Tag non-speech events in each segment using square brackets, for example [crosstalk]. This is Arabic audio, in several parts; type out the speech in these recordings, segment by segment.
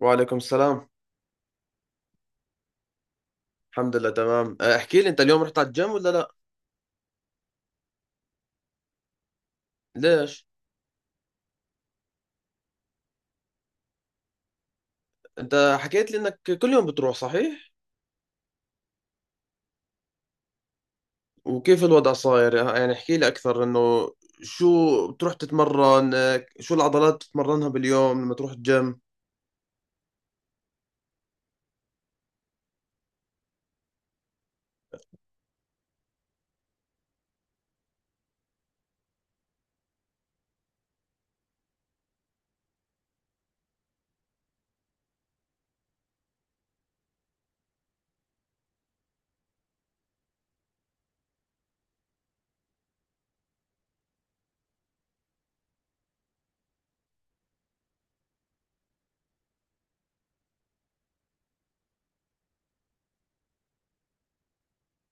وعليكم السلام. الحمد لله تمام. احكي لي انت اليوم رحت على الجيم ولا لا؟ ليش؟ انت حكيت لي انك كل يوم بتروح صحيح؟ وكيف الوضع صاير؟ يعني احكي لي اكثر انه شو بتروح تتمرن، شو العضلات بتتمرنها باليوم لما تروح الجيم؟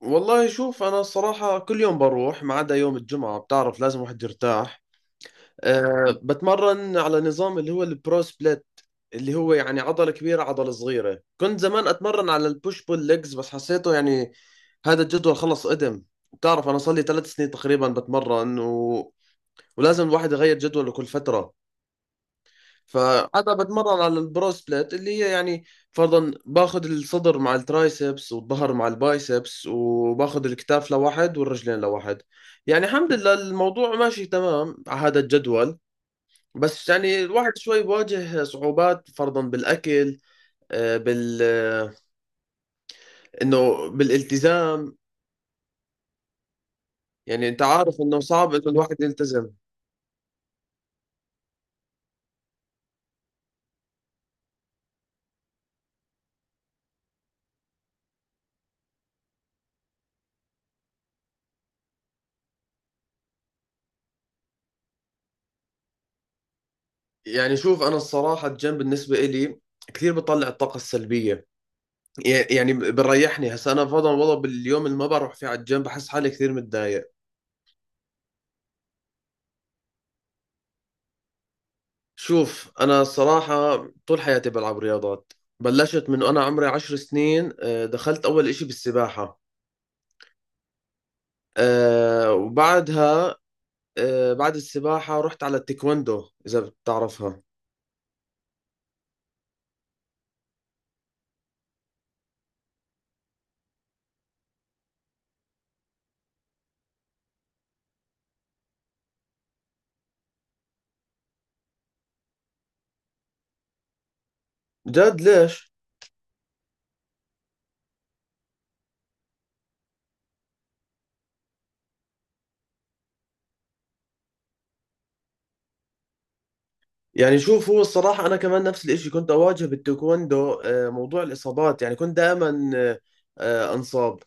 والله شوف انا الصراحة كل يوم بروح ما عدا يوم الجمعة، بتعرف لازم واحد يرتاح. بتمرن على نظام اللي هو البرو سبليت، اللي هو يعني عضلة كبيرة عضلة صغيرة. كنت زمان أتمرن على البوش بول ليجز بس حسيته يعني هذا الجدول خلص قدم. بتعرف أنا صار لي 3 سنين تقريبا بتمرن، و... ولازم الواحد يغير جدوله كل فترة. فعادة بتمرن على البرو سبليت اللي هي يعني فرضا باخذ الصدر مع الترايسبس والظهر مع البايسبس، وباخذ الكتاف لواحد والرجلين لواحد. يعني الحمد لله الموضوع ماشي تمام على هذا الجدول. بس يعني الواحد شوي بواجه صعوبات فرضا بالأكل، آه، بال آه، إنه بالالتزام. يعني أنت عارف إنه صعب إنه الواحد يلتزم. يعني شوف أنا الصراحة الجيم بالنسبة إلي كثير بطلع الطاقة السلبية. يعني بريحني. هسا أنا فرضا والله باليوم اللي ما بروح فيه على الجيم بحس حالي كثير متضايق. شوف أنا الصراحة طول حياتي بلعب رياضات. بلشت من أنا عمري 10 سنين، دخلت أول إشي بالسباحة. آه، وبعدها آه، بعد السباحة رحت على التايكوندو، إذا بتعرفها. جد ليش؟ يعني شوف هو الصراحة أنا كمان نفس الإشي كنت أواجه بالتايكوندو، موضوع الإصابات. يعني كنت دائما أنصاب.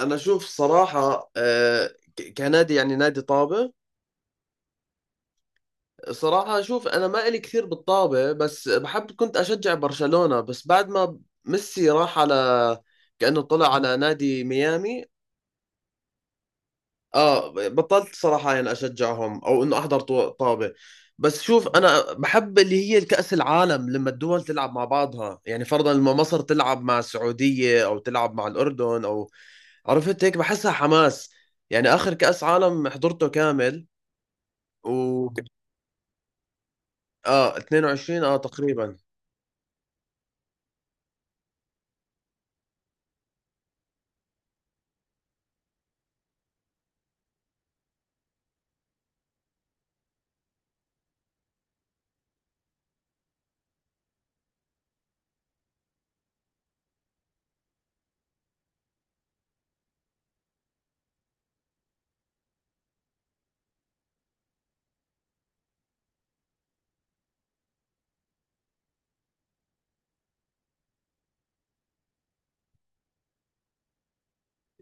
أنا شوف الصراحة، كنادي يعني نادي طابة. صراحة شوف أنا ما إلي كثير بالطابة بس بحب، كنت أشجع برشلونة بس بعد ما ميسي راح على كأنه طلع على نادي ميامي. اه بطلت صراحة يعني اشجعهم او انه احضر طابة. بس شوف انا بحب اللي هي الكأس العالم لما الدول تلعب مع بعضها، يعني فرضا لما مصر تلعب مع السعودية او تلعب مع الاردن او عرفت هيك بحسها حماس. يعني اخر كأس عالم حضرته كامل و اه 22 تقريبا.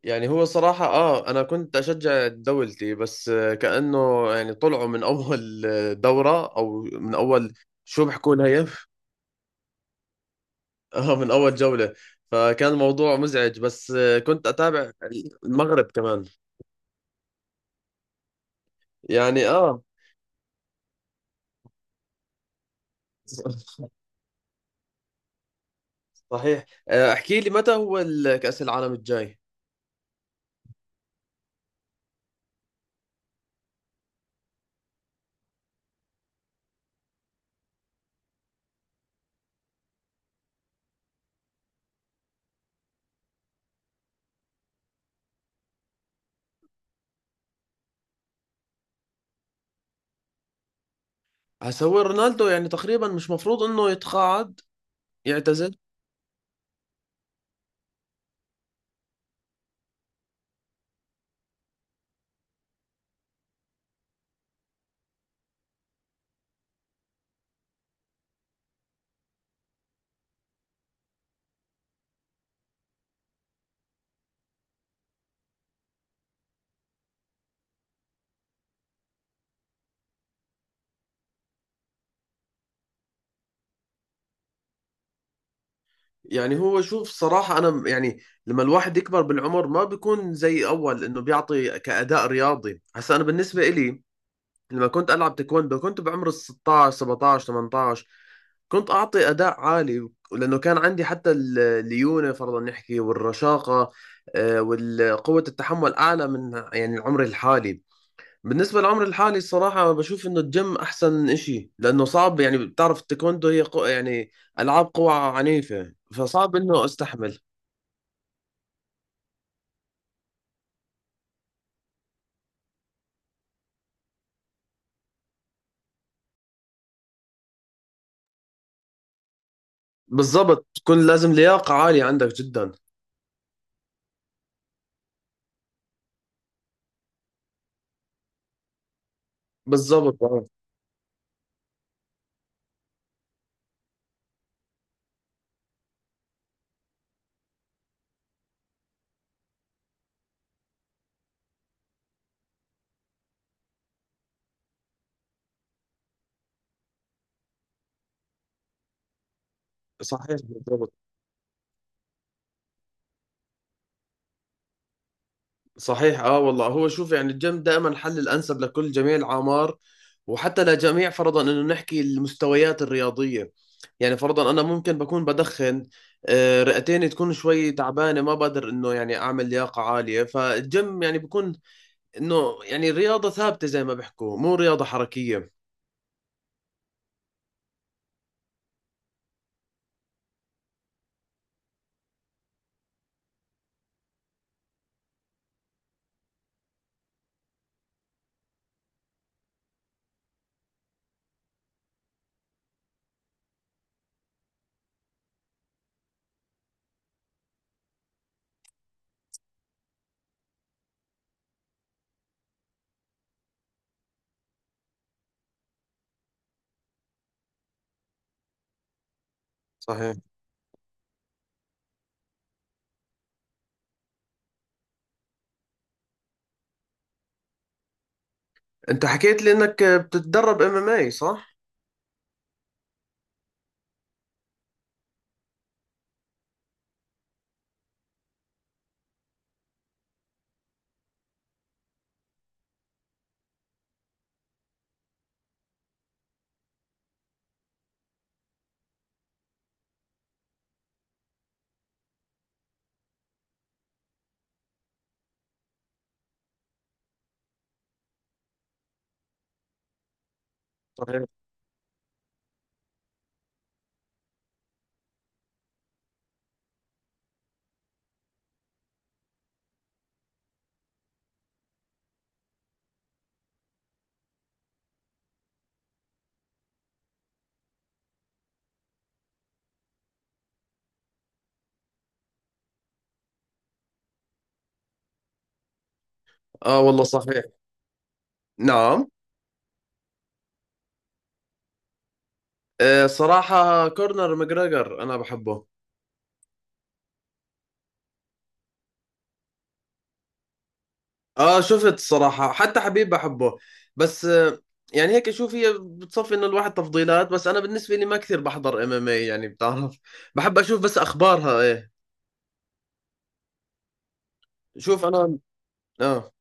يعني هو صراحة اه انا كنت اشجع دولتي بس، كأنه يعني طلعوا من اول دورة او من اول شو بحكوا لها هي، اه من اول جولة. فكان الموضوع مزعج بس كنت اتابع. المغرب كمان، يعني [laughs] صحيح، احكي لي متى هو كأس العالم الجاي؟ هسا هو رونالدو يعني تقريبا مش مفروض انه يتقاعد يعتزل؟ يعني هو شوف صراحة انا يعني لما الواحد يكبر بالعمر ما بيكون زي اول، انه بيعطي كأداء رياضي. هسا انا بالنسبة إلي لما كنت ألعب تايكوندو كنت بعمر ال 16 17 18. كنت أعطي أداء عالي لأنه كان عندي حتى الليونة فرضا نحكي والرشاقة، والقوة التحمل أعلى من يعني عمري الحالي. بالنسبة لعمري الحالي الصراحة بشوف إنه الجيم أحسن إشي لأنه صعب. يعني بتعرف التايكوندو هي يعني ألعاب قوى عنيفة، فصعب إنه أستحمل. بالضبط، تكون لازم لياقة عالية عندك جدا. بالضبط آه. صحيح بالضبط. صحيح اه والله. هو شوف يعني الجيم دائما الحل الانسب لكل جميع الاعمار، وحتى لجميع فرضا انه نحكي المستويات الرياضيه. يعني فرضا انا ممكن بكون بدخن، رئتين تكون شوي تعبانه ما بقدر انه يعني اعمل لياقه عاليه، فالجيم يعني بكون انه يعني رياضه ثابته زي ما بيحكوا، مو رياضه حركيه. صحيح. انت حكيت لي انك بتتدرب MMA صح؟ صحيح. اه والله صحيح. نعم. صراحه كورنر ماجريجر انا بحبه. اه شفت الصراحة حتى حبيب بحبه، بس يعني هيك شوف هي بتصفي انه الواحد تفضيلات، بس انا بالنسبة لي ما كثير بحضر MMA، يعني بتعرف بحب اشوف بس اخبارها ايه. شوف انا اه.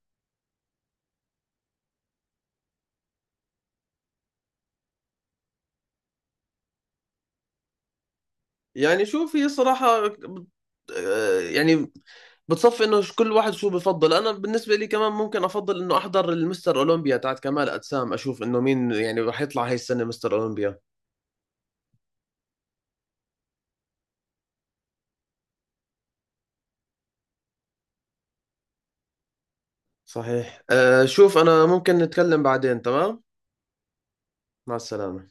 يعني شوف هي صراحة يعني بتصفي انه كل واحد شو بفضل. انا بالنسبة لي كمان ممكن افضل انه احضر المستر اولمبيا تاعت كمال اجسام، اشوف انه مين يعني رح يطلع هاي السنة مستر اولمبيا. صحيح. شوف انا ممكن نتكلم بعدين، تمام. مع السلامة.